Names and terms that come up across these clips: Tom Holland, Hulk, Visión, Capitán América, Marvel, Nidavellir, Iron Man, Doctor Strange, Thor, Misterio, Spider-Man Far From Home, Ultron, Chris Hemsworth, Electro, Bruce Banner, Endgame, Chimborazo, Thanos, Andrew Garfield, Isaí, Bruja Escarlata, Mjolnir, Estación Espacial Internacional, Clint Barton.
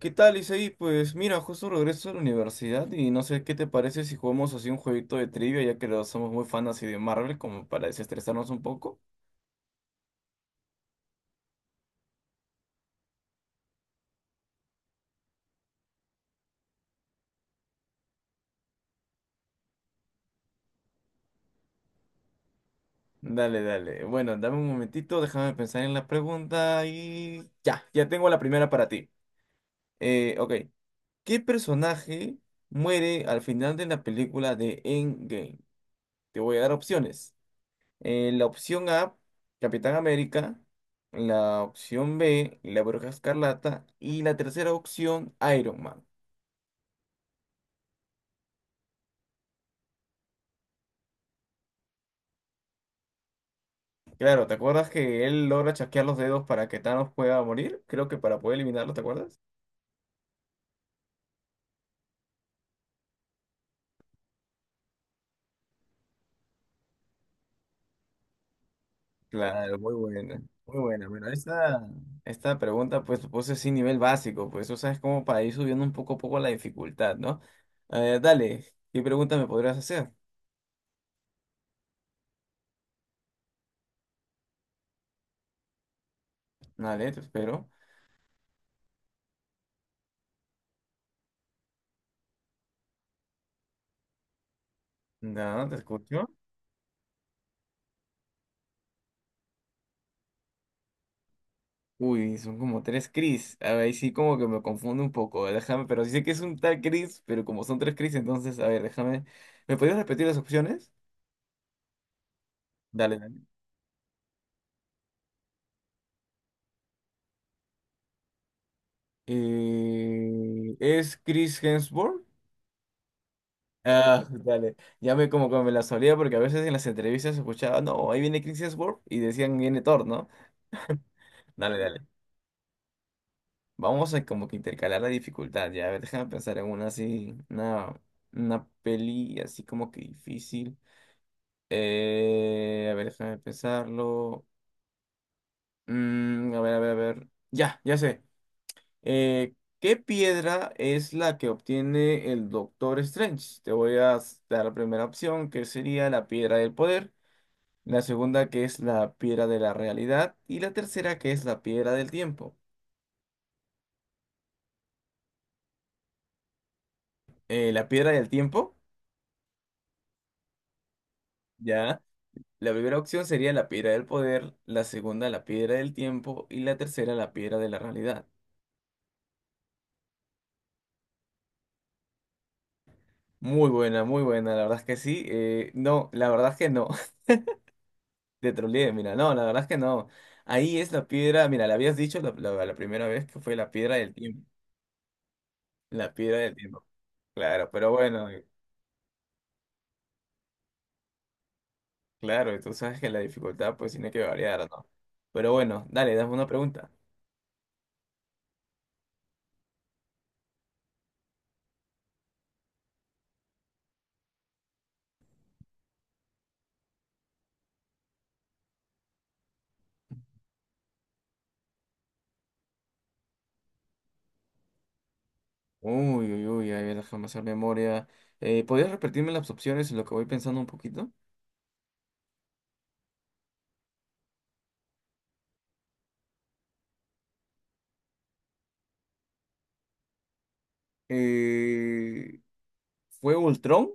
¿Qué tal, Isaí? Pues mira, justo regreso a la universidad y no sé qué te parece si jugamos así un jueguito de trivia, ya que los somos muy fans así de Marvel, como para desestresarnos un poco. Dale, dale. Bueno, dame un momentito, déjame pensar en la pregunta y ya tengo la primera para ti. Ok, ¿qué personaje muere al final de la película de Endgame? Te voy a dar opciones. La opción A, Capitán América. La opción B, la Bruja Escarlata. Y la tercera opción, Iron Man. Claro, ¿te acuerdas que él logra chasquear los dedos para que Thanos pueda morir? Creo que para poder eliminarlo, ¿te acuerdas? Claro, muy buena, muy buena. Bueno, esta pregunta pues supuse sin nivel básico, pues o sea, es como para ir subiendo un poco a poco la dificultad, ¿no? Dale, ¿qué pregunta me podrías hacer? Dale, te espero. No, te escucho. Uy, son como tres Chris. A ver, ahí sí como que me confundo un poco. Déjame, pero sí sé que es un tal Chris, pero como son tres Chris, entonces, a ver, déjame. ¿Me podrías repetir las opciones? Dale, dale. ¿Es Chris Hemsworth? Ah, dale. Ya me como que me la solía porque a veces en las entrevistas escuchaba, no, ahí viene Chris Hemsworth y decían, viene Thor, ¿no? Dale, dale. Vamos a como que intercalar la dificultad, ya. A ver, déjame pensar en una así, una peli así como que difícil. A ver, déjame pensarlo. A ver, a ver, a ver. Ya sé. Eh, ¿Qué piedra es la que obtiene el Doctor Strange? Te voy a dar la primera opción, que sería la piedra del poder. La segunda, que es la piedra de la realidad. Y la tercera, que es la piedra del tiempo. La piedra del tiempo, ya. La primera opción sería la piedra del poder. La segunda, la piedra del tiempo. Y la tercera, la piedra de la realidad. Muy buena, la verdad es que sí. No, la verdad es que no. Te troleé, mira, no, la verdad es que no. Ahí es la piedra, mira, la habías dicho la primera vez que fue la piedra del tiempo. La piedra del tiempo. Claro, pero bueno, claro, y tú sabes que la dificultad pues tiene que variar, ¿no? Pero bueno, dale, dame una pregunta. Uy, uy, uy, ahí déjame hacer memoria. ¿Podrías repetirme las opciones en lo que voy pensando un poquito? Eh, ¿fue Ultron?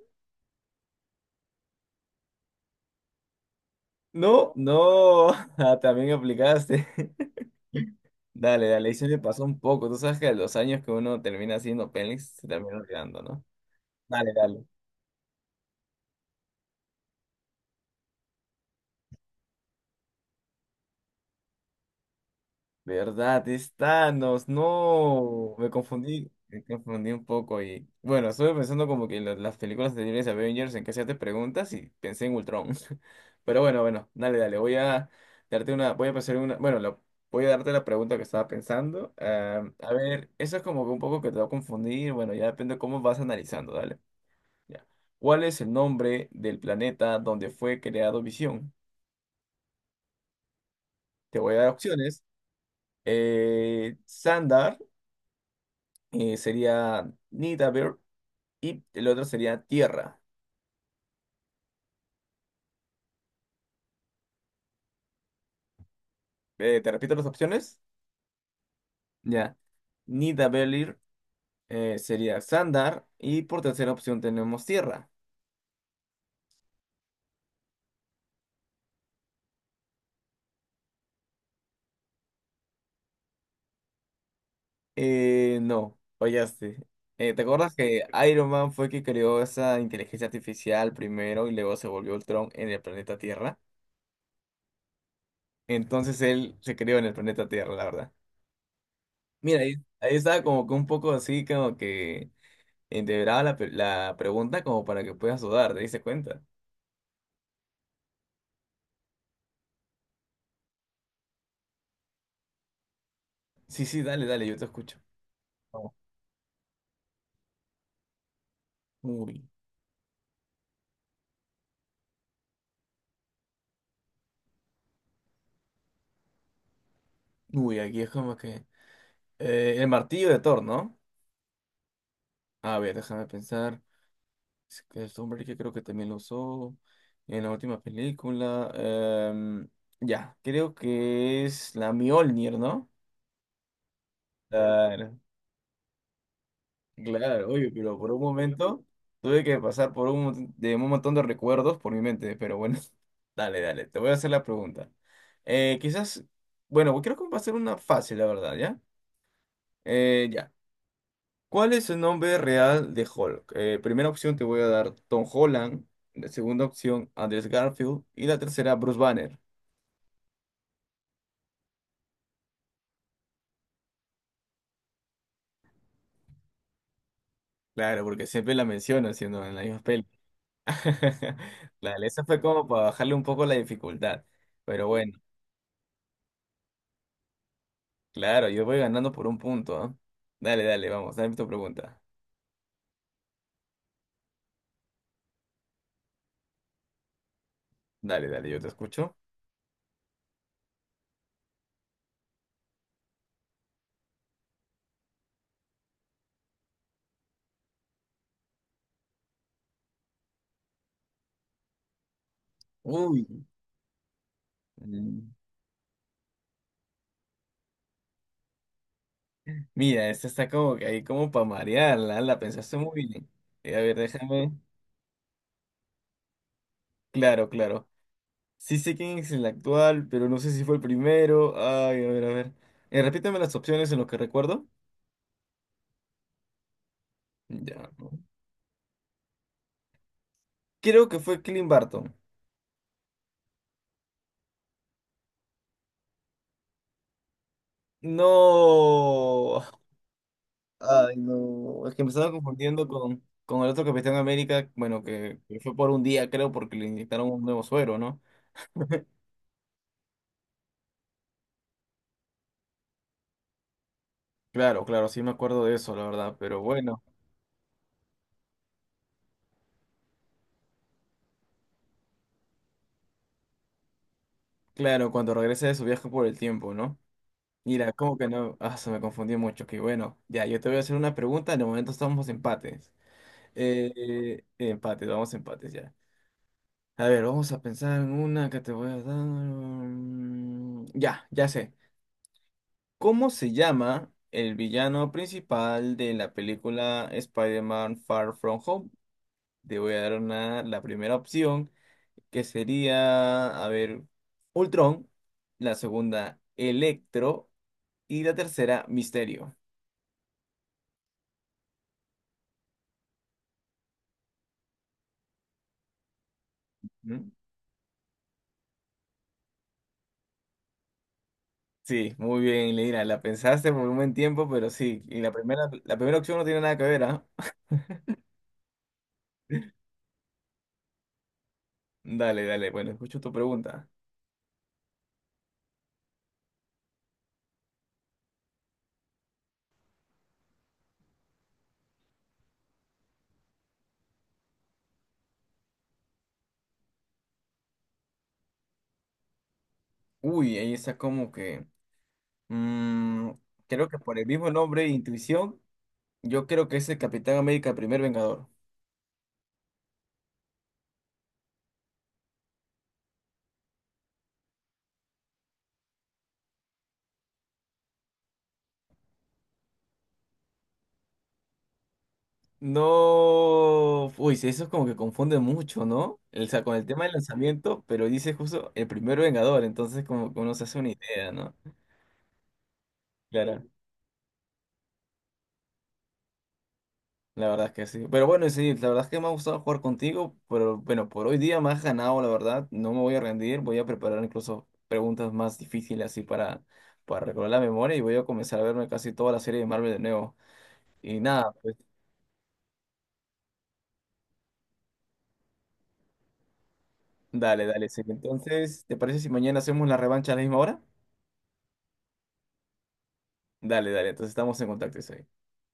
No, no, ah, también aplicaste. Dale, dale, y se me pasó un poco. Tú sabes que a los años que uno termina haciendo pelis se termina olvidando, ¿no? Dale, dale. ¿Verdad? Es Thanos, no. Me confundí un poco y. Bueno, estuve pensando como que las películas anteriores de Avengers en que hacías preguntas y pensé en Ultron. Pero bueno, bueno, dale, dale. Voy a darte una. Voy a pasar una. Voy a darte la pregunta que estaba pensando. Ah, a ver, eso es como que un poco que te va a confundir. Bueno, ya depende de cómo vas analizando, dale. Ya. ¿Cuál es el nombre del planeta donde fue creado Visión? Te voy a dar opciones. Sandar Sería Nidavellir y el otro sería Tierra. ¿Te repito las opciones? Ya. Nidavellir Sería Sandar y por tercera opción tenemos Tierra. No, fallaste. ¿Te acuerdas que Iron Man fue quien creó esa inteligencia artificial primero y luego se volvió Ultron en el planeta Tierra? Entonces él se crió en el planeta Tierra, la verdad. Mira, ahí estaba como que un poco así, como que entreveraba la pregunta como para que puedas dudar, ¿te diste cuenta? Sí, sí, dale, dale, yo te escucho. Vamos. Uy, uy, aquí es como que... el martillo de Thor, ¿no? A ver, déjame pensar. Es que es hombre que creo que también lo usó en la última película. Ya, creo que es la Mjolnir, ¿no? Claro, oye, pero por un momento tuve que pasar por un, de un montón de recuerdos por mi mente, pero bueno, dale, dale, te voy a hacer la pregunta. Eh, quizás, bueno, creo que va a ser una fácil, la verdad, ¿ya? Ya. ¿Cuál es el nombre real de Hulk? Primera opción te voy a dar Tom Holland, la segunda opción Andrew Garfield y la tercera Bruce Banner. Claro, porque siempre la menciono siendo en la misma peli. Claro, eso fue como para bajarle un poco la dificultad, pero bueno. Claro, yo voy ganando por un punto, ¿ah? Dale, dale, vamos, dame tu pregunta. Dale, dale, yo te escucho. Uy. mm, Mira, esta está como que ahí como para marearla, la pensaste muy bien. A ver, déjame. Claro, claro. Sí sé quién es el actual, pero no sé si fue el primero. Ay, a ver, a ver. Repítame las opciones en lo que recuerdo. Ya. ¿no? Creo que fue Clint Barton. No. Ay, no. Es que me estaba confundiendo con el otro Capitán América, bueno, que fue por un día, creo, porque le inyectaron un nuevo suero, ¿no? Claro, claro, sí me acuerdo de eso, la verdad. Pero bueno, claro, cuando regrese de su viaje por el tiempo, ¿no? Mira, como que no. Ah, se me confundió mucho. Que bueno, ya, yo te voy a hacer una pregunta. De momento estamos empates. Eh, eh, empates, vamos empates ya. A ver, vamos a pensar en una que te voy a dar. Ya, ya sé. ¿Cómo se llama el villano principal de la película Spider-Man Far From Home? Te voy a dar una- la primera opción, que sería, a ver, Ultron, la segunda, Electro y la tercera, Misterio. ¿Mm? Sí, muy bien, Leira, la pensaste por un buen tiempo, pero sí, y la primera opción no tiene nada que ver, ¿ah? Dale, dale, bueno, escucho tu pregunta. Uy, ahí está como que... mm, creo que por el mismo nombre, intuición. Yo creo que es el Capitán América, primer Vengador. No. Uy, sí, eso es como que confunde mucho, ¿no? El, o sea, con el tema del lanzamiento, pero dice justo el primer Vengador, entonces como que uno se hace una idea, ¿no? Claro, la verdad es que sí. Pero bueno, sí, la verdad es que me ha gustado jugar contigo, pero bueno, por hoy día me has ganado, la verdad. No me voy a rendir, voy a preparar incluso preguntas más difíciles así para recordar la memoria y voy a comenzar a verme casi toda la serie de Marvel de nuevo. Y nada, pues. Dale, dale, sí. Entonces, ¿te parece si mañana hacemos la revancha a la misma hora? Dale, dale, entonces estamos en contacto, sí.